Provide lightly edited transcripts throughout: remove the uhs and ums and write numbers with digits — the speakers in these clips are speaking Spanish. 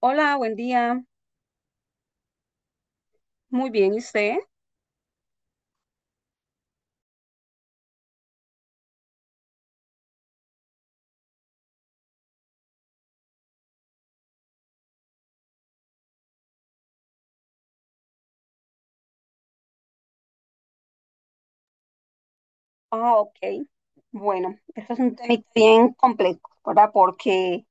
Hola, buen día. Muy bien, ¿y usted? Ah, ok. Bueno, esto es un tema bien complejo, ¿verdad? Porque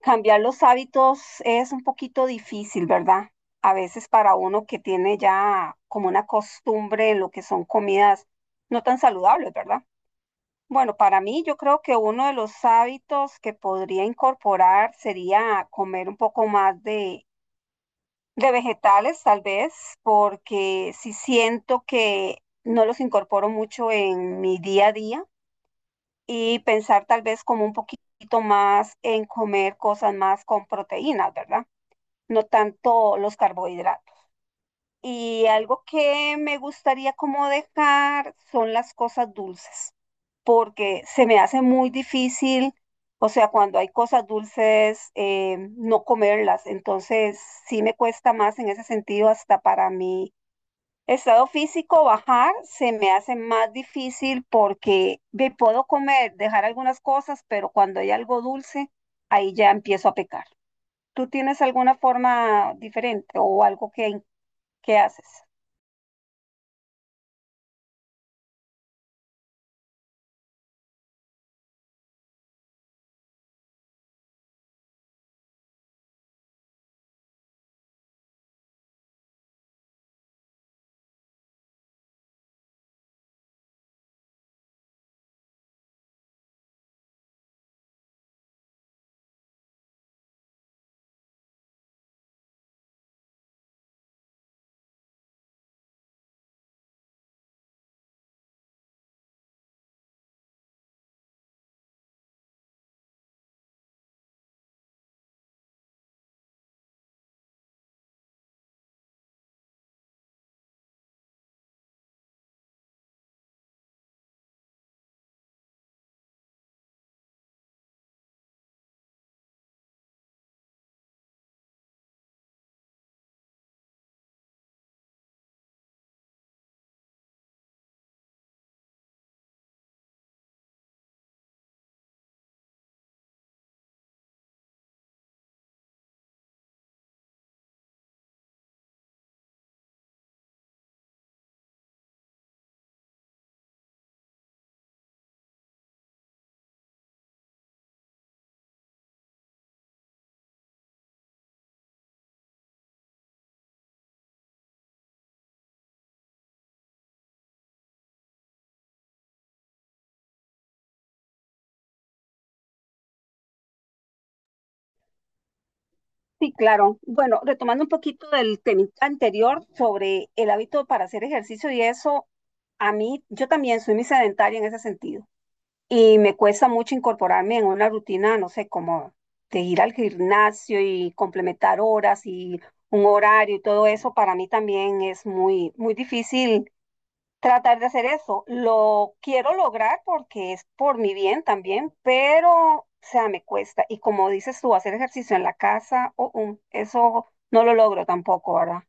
cambiar los hábitos es un poquito difícil, ¿verdad? A veces para uno que tiene ya como una costumbre en lo que son comidas no tan saludables, ¿verdad? Bueno, para mí yo creo que uno de los hábitos que podría incorporar sería comer un poco más de vegetales, tal vez, porque sí siento que no los incorporo mucho en mi día a día y pensar tal vez como un poquito más en comer cosas más con proteínas, ¿verdad? No tanto los carbohidratos. Y algo que me gustaría como dejar son las cosas dulces, porque se me hace muy difícil, o sea, cuando hay cosas dulces, no comerlas. Entonces, sí me cuesta más en ese sentido hasta para mí estado físico, bajar se me hace más difícil porque me puedo comer, dejar algunas cosas, pero cuando hay algo dulce, ahí ya empiezo a pecar. ¿Tú tienes alguna forma diferente o algo que haces? Sí, claro. Bueno, retomando un poquito del tema anterior sobre el hábito para hacer ejercicio y eso, a mí, yo también soy muy sedentaria en ese sentido. Y me cuesta mucho incorporarme en una rutina, no sé, como de ir al gimnasio y complementar horas y un horario y todo eso, para mí también es muy, muy difícil tratar de hacer eso. Lo quiero lograr porque es por mi bien también, pero, o sea, me cuesta. Y como dices tú, hacer ejercicio en la casa, eso no lo logro tampoco, ¿verdad?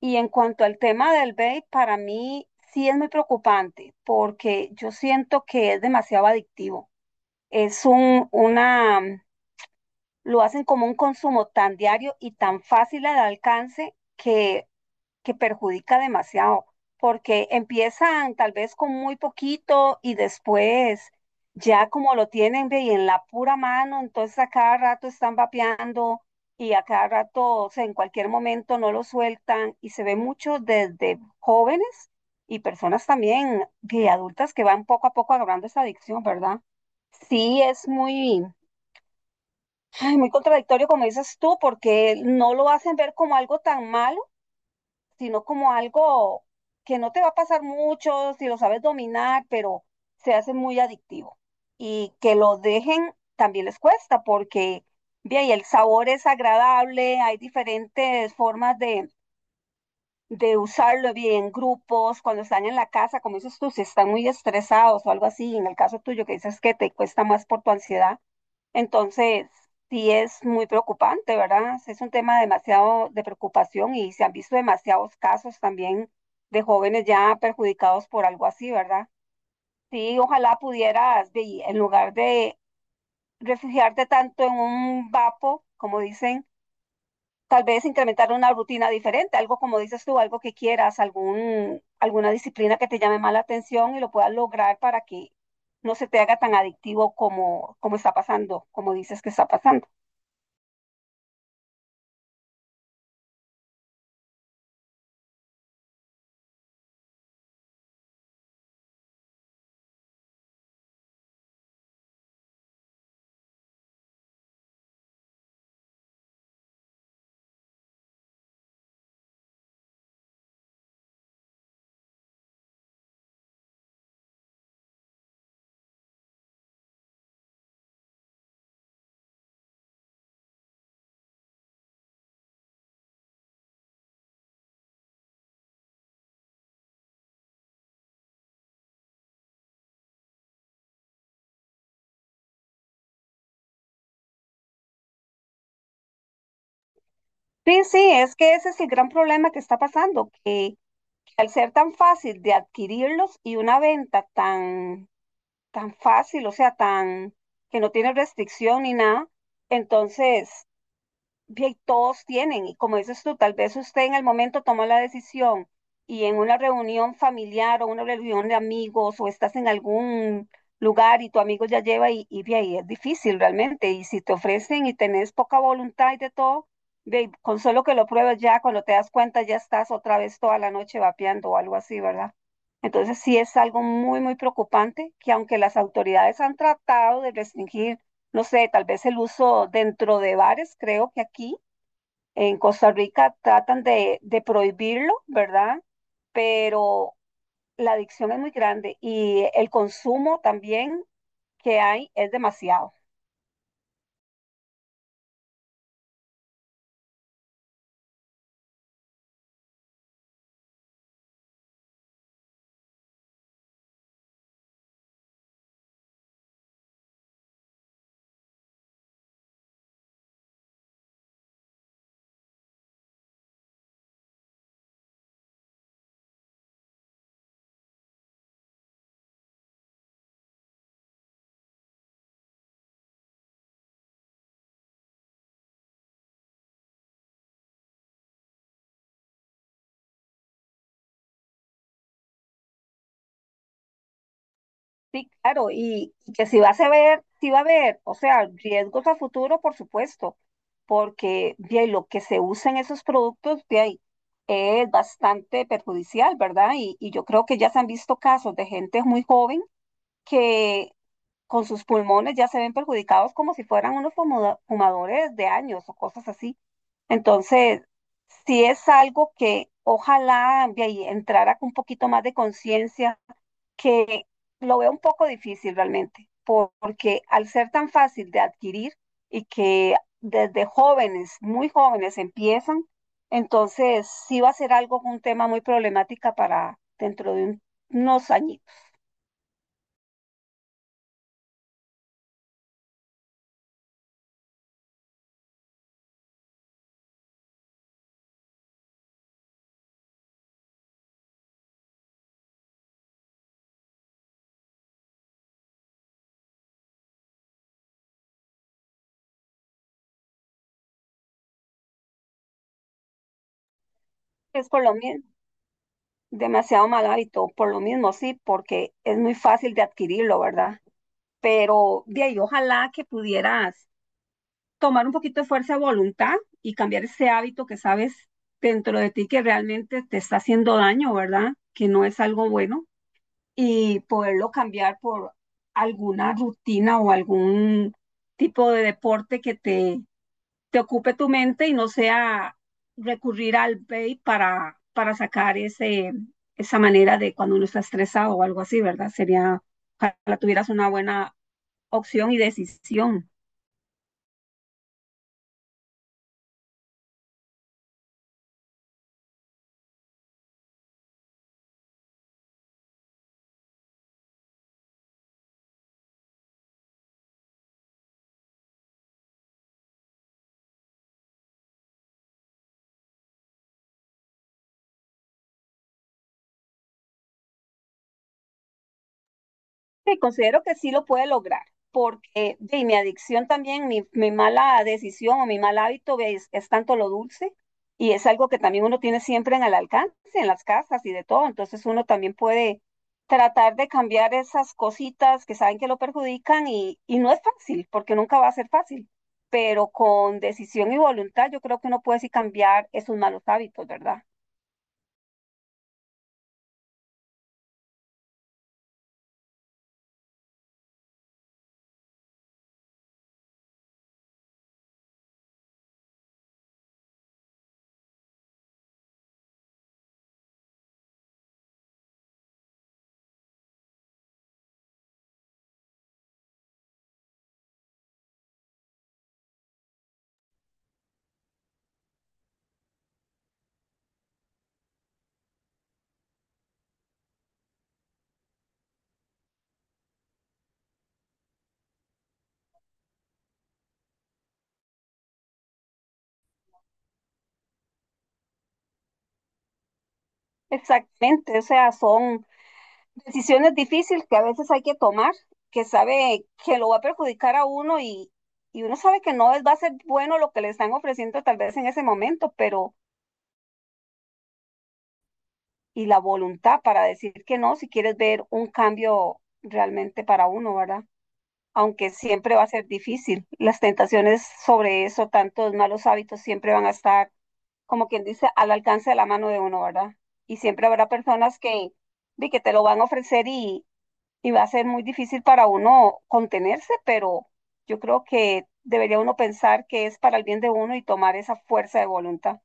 Y en cuanto al tema del vape, para mí sí es muy preocupante porque yo siento que es demasiado adictivo. Es un, una, lo hacen como un consumo tan diario y tan fácil al alcance que perjudica demasiado, porque empiezan tal vez con muy poquito y después ya como lo tienen ve, y en la pura mano, entonces a cada rato están vapeando y a cada rato, o sea, en cualquier momento no lo sueltan y se ve mucho desde jóvenes y personas también de adultas que van poco a poco agarrando esa adicción, ¿verdad? Sí, es muy, ay, muy contradictorio como dices tú, porque no lo hacen ver como algo tan malo, sino como algo que no te va a pasar mucho si lo sabes dominar, pero se hace muy adictivo. Y que lo dejen también les cuesta, porque bien, y el sabor es agradable, hay diferentes formas de usarlo, bien, en grupos, cuando están en la casa, como dices tú, si están muy estresados o algo así, en el caso tuyo que dices que te cuesta más por tu ansiedad entonces, sí es muy preocupante, ¿verdad? Sí. Es un tema demasiado de preocupación y se han visto demasiados casos también de jóvenes ya perjudicados por algo así, ¿verdad? Sí, ojalá pudieras, ve, en lugar de refugiarte tanto en un vapo, como dicen, tal vez incrementar una rutina diferente, algo como dices tú, algo que quieras, algún, alguna disciplina que te llame más la atención y lo puedas lograr para que no se te haga tan adictivo como, como está pasando, como dices que está pasando. Sí, sí, es que ese es el gran problema que está pasando, que al ser tan fácil de adquirirlos y una venta tan, tan fácil, o sea, tan que no tiene restricción ni nada, entonces bien, todos tienen, y como dices tú, tal vez usted en el momento tomó la decisión y en una reunión familiar o una reunión de amigos o estás en algún lugar y tu amigo ya lleva y ve ahí es difícil realmente. Y si te ofrecen y tenés poca voluntad y de todo, ve, con solo que lo pruebes ya, cuando te das cuenta ya estás otra vez toda la noche vapeando o algo así, ¿verdad? Entonces sí es algo muy, muy preocupante que aunque las autoridades han tratado de restringir no sé, tal vez el uso dentro de bares, creo que aquí en Costa Rica tratan de prohibirlo, ¿verdad? Pero la adicción es muy grande y el consumo también que hay es demasiado. Sí, claro, y que si vas a ver, si va a haber, o sea, riesgos a futuro, por supuesto, porque bien, lo que se usa en esos productos, de ahí es bastante perjudicial, ¿verdad? Y yo creo que ya se han visto casos de gente muy joven que con sus pulmones ya se ven perjudicados como si fueran unos fumadores de años o cosas así. Entonces, si es algo que ojalá de ahí entrara con un poquito más de conciencia, que lo veo un poco difícil realmente, porque al ser tan fácil de adquirir y que desde jóvenes, muy jóvenes empiezan, entonces sí va a ser algo, un tema muy problemática para dentro de unos añitos. Es colombia demasiado mal hábito, por lo mismo, sí, porque es muy fácil de adquirirlo, ¿verdad? Pero de ahí, ojalá que pudieras tomar un poquito de fuerza de voluntad y cambiar ese hábito que sabes dentro de ti que realmente te está haciendo daño, ¿verdad? Que no es algo bueno y poderlo cambiar por alguna rutina o algún tipo de deporte que te ocupe tu mente y no sea recurrir al pay para sacar ese, esa manera de cuando uno está estresado o algo así, ¿verdad? Sería, ojalá tuvieras una buena opción y decisión. Sí, considero que sí lo puede lograr, porque de, mi adicción también, mi mala decisión o mi mal hábito es tanto lo dulce y es algo que también uno tiene siempre en el alcance, en las casas y de todo, entonces uno también puede tratar de cambiar esas cositas que saben que lo perjudican y no es fácil, porque nunca va a ser fácil, pero con decisión y voluntad yo creo que uno puede sí cambiar esos malos hábitos, ¿verdad? Exactamente, o sea, son... decisiones difíciles que a veces hay que tomar, que sabe que lo va a perjudicar a uno y uno sabe que no es, va a ser bueno lo que le están ofreciendo tal vez en ese momento, pero y la voluntad para decir que no si quieres ver un cambio realmente para uno, ¿verdad? Aunque siempre va a ser difícil. Las tentaciones sobre eso, tantos malos hábitos, siempre van a estar, como quien dice, al alcance de la mano de uno, ¿verdad? Y siempre habrá personas que, de que te lo van a ofrecer y va a ser muy difícil para uno contenerse, pero yo creo que debería uno pensar que es para el bien de uno y tomar esa fuerza de voluntad.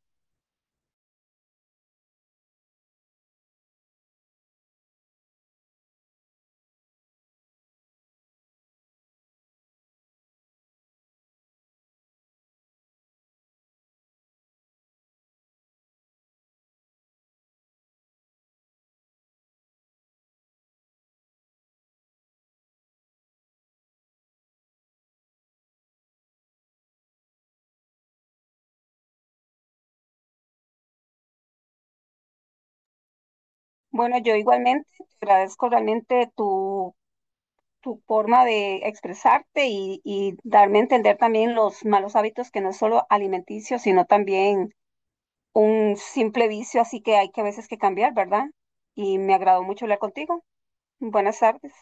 Bueno, yo igualmente te agradezco realmente tu, tu forma de expresarte y darme a entender también los malos hábitos que no es solo alimenticio, sino también un simple vicio, así que hay que a veces que cambiar, ¿verdad? Y me agradó mucho hablar contigo. Buenas tardes.